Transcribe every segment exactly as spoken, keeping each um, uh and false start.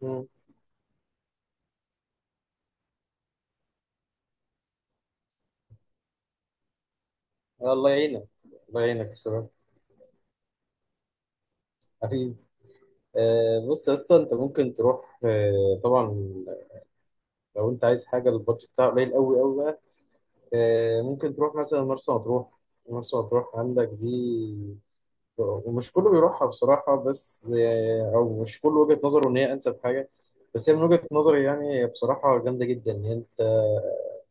مم. الله يعينك. الله يعينك بصراحة، حبيبي. آه بص يا اسطى، انت ممكن تروح، آه طبعا. لو انت عايز حاجة البادجت بتاعها قليل قوي قوي بقى، آه ممكن تروح مثلا مرسى مطروح. مرسى مطروح عندك دي، ومش كله بيروحها بصراحة، بس آه او مش كله وجهة نظره ان هي انسب حاجة. بس هي من وجهة نظري، يعني هي بصراحة جامدة جدا ان انت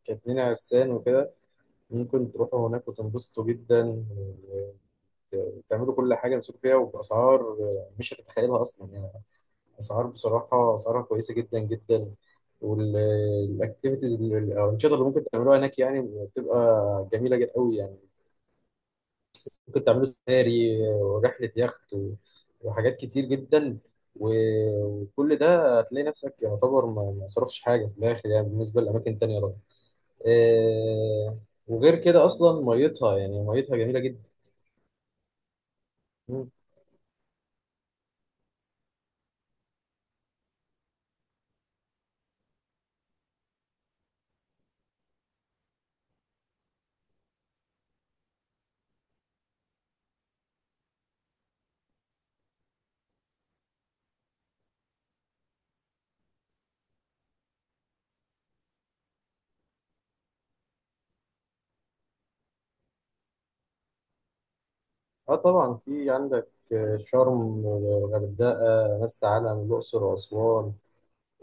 كاتنين عرسان وكده ممكن تروحوا هناك وتنبسطوا جدا، تعملوا كل حاجه، نسوق فيها وباسعار مش هتتخيلها اصلا يعني. اسعار، بصراحه اسعارها كويسه جدا جدا. والاكتيفيتيز، الانشطه اللي ممكن تعملوها هناك يعني بتبقى جميله جدا قوي يعني. ممكن تعملوا سفاري ورحله يخت و- وحاجات كتير جدا. و- وكل ده هتلاقي نفسك يعتبر ما ما صرفش حاجه في الاخر يعني، بالنسبه لاماكن تانية طبعا. آه، وغير كده اصلا ميتها، يعني ميتها جميله جدا. اه طبعا في عندك آه، شرم، الغردقة، مرسى علم، الأقصر وأسوان.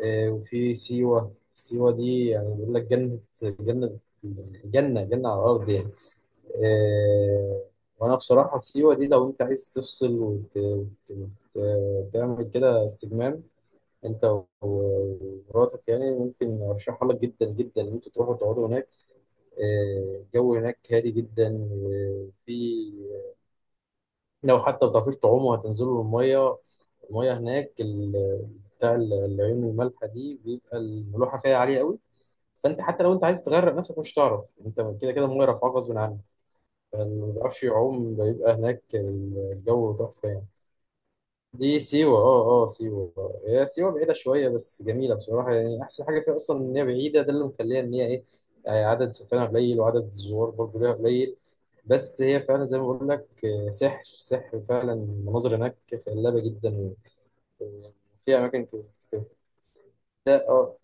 آه، وفي سيوة. سيوة دي يعني بيقول لك جنة. جنة جنة جنة على الأرض يعني. آه، وأنا بصراحة سيوة دي لو أنت عايز تفصل وت- وت- وت- وتعمل كده استجمام، أنت و- ومراتك، يعني ممكن أرشحها لك جدا جدا إن أنتوا تروحوا تقعدوا هناك. آه، الجو هناك هادي جدا، وفي، لو حتى ما بتعرفوش تعوموا هتنزلوا المية. المية هناك ال- بتاع ال- العيون المالحة دي بيبقى الملوحة فيها عالية قوي. فأنت حتى لو أنت عايز تغرق نفسك مش هتعرف. أنت كده كده المية رافعاك غصب عنك. فاللي ما بيعرفش يعوم بيبقى هناك الجو تحفة يعني. دي سيوة، اه اه سيوة آه. هي سيوة بعيدة شوية، بس جميلة بصراحة. يعني أحسن حاجة فيها أصلا إن هي بعيدة، ده اللي مخليها إن هي إيه، آه، عدد سكانها قليل وعدد الزوار برضه ليها قليل. بس هي فعلا زي ما بقول لك، آه، سحر، سحر فعلا المناظر هناك خلابة جدا. في أماكن كتير. ده اه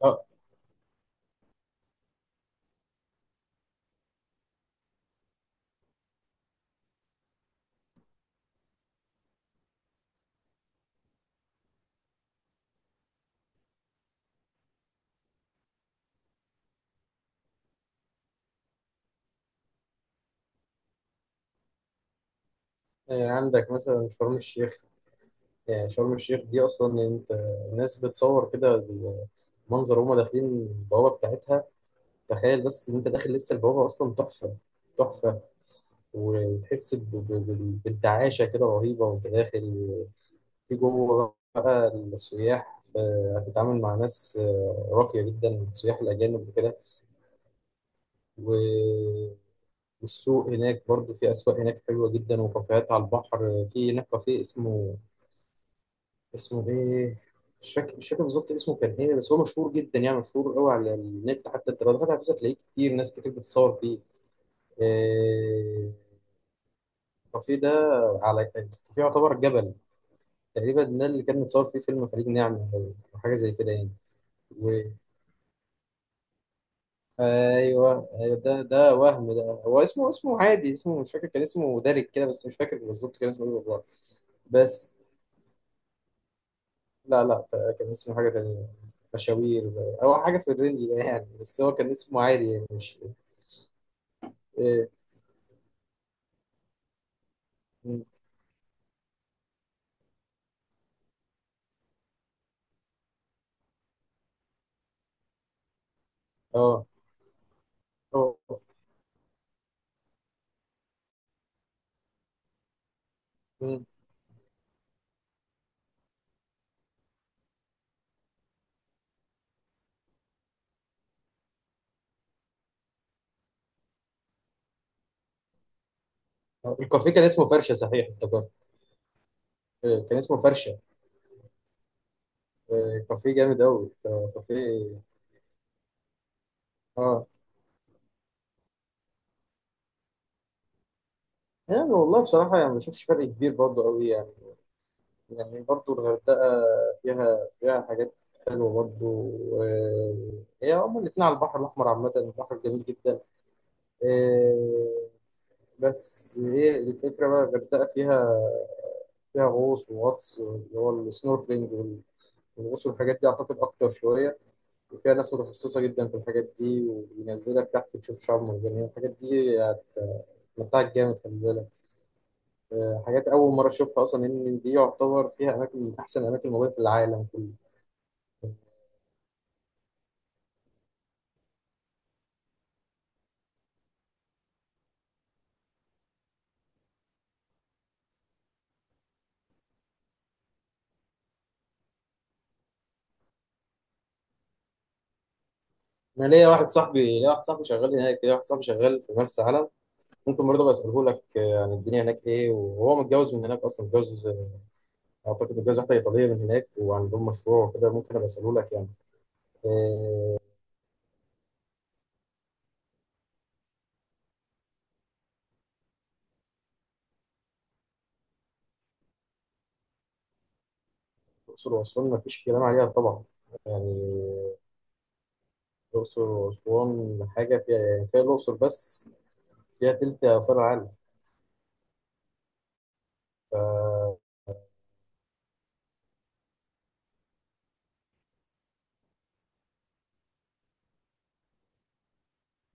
اه. آه، عندك مثلا شرم الشيخ. يعني شرم الشيخ دي أصلا أنت، الناس بتصور كده المنظر وهما داخلين البوابة بتاعتها. تخيل بس إن أنت داخل لسه البوابة أصلا تحفة، تحفة. وتحس ب- ب- بال- بالتعاشة كده رهيبة وانت داخل. في جوه بقى السياح، آه، هتتعامل مع ناس آه، راقية جدا، سياح الأجانب وكده. و- والسوق هناك برضو، في أسواق هناك حلوة جدا وكافيهات على البحر. في هناك كافيه اسمه، اسمه إيه، مش فاكر مش فاكر بالظبط اسمه كان إيه، بس هو مشهور جدا يعني، مشهور قوي على النت. حتى أنت لو دخلت على فيسبوك هتلاقيه كتير، ناس كتير بتصور فيه. آه، الكافيه ده، على الكافيه، يعتبر جبل تقريبا. ده اللي كان متصور فيه فيلم خليج نعمة أو أو حاجة زي كده يعني. و... أيوه أيوه، ده ده وهم، ده هو اسمه، اسمه عادي، اسمه مش فاكر. كان اسمه دارك كده، بس مش فاكر بالظبط كان اسمه إيه والله. بس لا لا، ت- كان اسمه حاجة تانية، مشاوير أو حاجة في الرينج ده يعني، بس هو كان اسمه عادي يعني مش إيه. م. أه أه. م. آه. الكافيه كان اسمه فرشة صحيح، افتكرت. إيه، كان اسمه فرشة. إيه، كافيه جامد أوي، آه، كافيه أه. يعني والله بصراحة يعني ما بشوفش فرق كبير برضه قوي يعني. يعني برضو الغردقة فيها، فيها حاجات حلوة برضو. آه، هي هما الاتنين على البحر الأحمر. عامة البحر جميل جدا. آه، بس هي الفكرة بقى الغردقة فيها، فيها غوص وغطس اللي هو السنوركلينج. والغوص والحاجات دي أعتقد أكتر شوية. وفيها ناس متخصصة جدا في الحاجات دي، وبينزلك تحت تشوف شعاب مرجانية. الحاجات دي هتمتعك جامد، خلي بالك. آه، حاجات أول مرة أشوفها أصلا، إن دي يعتبر فيها أماكن من أحسن الأماكن الموجودة في العالم كله. انا ليا واحد صاحبي، ليا واحد صاحبي شغال هناك ليا واحد صاحبي شغال في مرسى علم. ممكن برضه بساله لك آه، عن الدنيا هناك ايه. وهو متجوز من هناك اصلا، متجوز آه، اعتقد متجوز واحده ايطاليه من هناك، وعندهم مشروع وكده. ممكن ابقى اساله لك يعني. آه، الاقصر واسوان ما فيش كلام عليها طبعا. يعني الاقصر واسوان حاجه فيها، يعني كفايه الاقصر بس فيها تلت اثار العالم.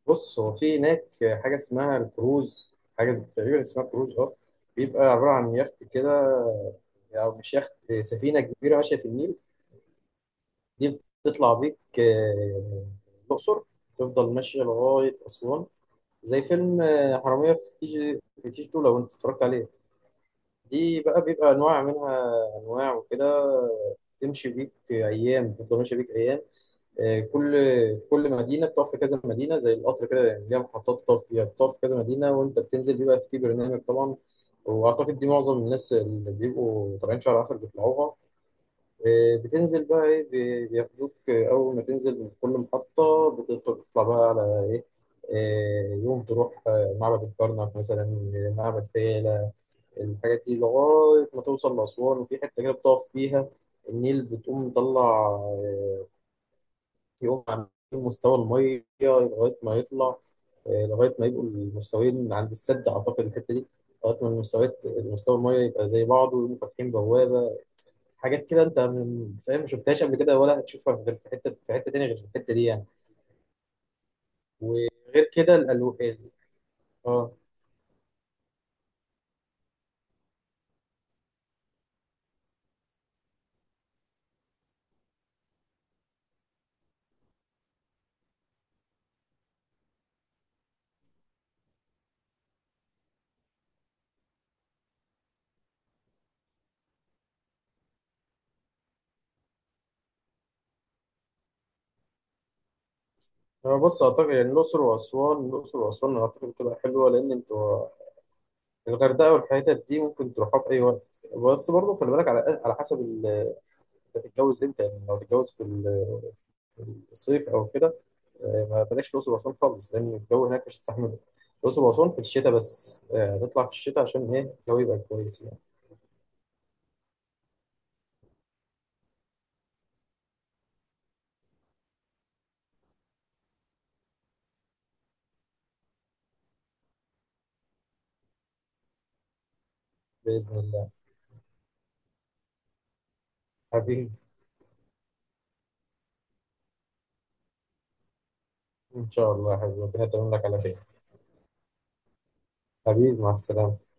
بص هو في هناك حاجة اسمها الكروز. حاجة زي- تقريبا اسمها كروز، اه. بيبقى عبارة عن يخت كده، أو مش يخت، سفينة كبيرة ماشية في النيل. دي بتطلع بيك آه، يعني الأقصر، تفضل ماشية لغاية أسوان. زي فيلم آه، حرامية في كي جي، في كي جي اتنين، لو أنت اتفرجت عليه. دي بقى بيبقى أنواع منها، أنواع وكده. تمشي بيك أيام، تفضل ماشية بيك أيام. آه، كل كل مدينه بتقف في كذا مدينه، زي القطر كده يعني. ليها محطات بتقف فيها، بتقف في كذا مدينه وانت بتنزل، بيبقى في برنامج طبعا. واعتقد دي معظم الناس اللي بيبقوا طالعين شهر عسل بيطلعوها. آه، بتنزل بقى ايه، بي- بياخدوك، آه، اول ما تنزل من كل محطه بتقدر تطلع بقى على ايه، آه، يوم تروح آه، معبد الكرنك مثلا، آه، معبد فيلة، الحاجات دي، لغاية ما توصل لأسوان. وفي حتة كده بتقف فيها النيل، بتقوم مطلع آه، يقوم عاملين مستوى الميه لغايه ما يطلع آه، لغايه ما يبقوا المستويين عند السد اعتقد، الحته دي لغايه ما المستويات، مستوى الميه يبقى زي بعضه، ويقوموا فاتحين بوابه. حاجات كده انت من- فاهم، ما شفتهاش قبل كده ولا هتشوفها غير في حته، في حته تانيه غير في الحته دي يعني. وغير كده الالو، اه. انا بص اعتقد يعني الاقصر واسوان الاقصر واسوان أنا اعتقد بتبقى حلوه، لان انتوا الغردقه والحتت دي ممكن تروحها في اي وقت. بس برضه خلي بالك على على حسب انت هتتجوز امتى. يعني لو هتتجوز في ال- في الصيف او كده، آه، ما بلاش الاقصر واسوان خالص، لان الجو هناك مش هتستحمله. الاقصر واسوان في الشتاء بس، آه، نطلع في الشتاء عشان ايه الجو يبقى كويس يعني. باذن الله. حبيبي، ان شاء الله يا حبيبي، ربنا يتمم لك على خير. حبيبي، مع السلامه.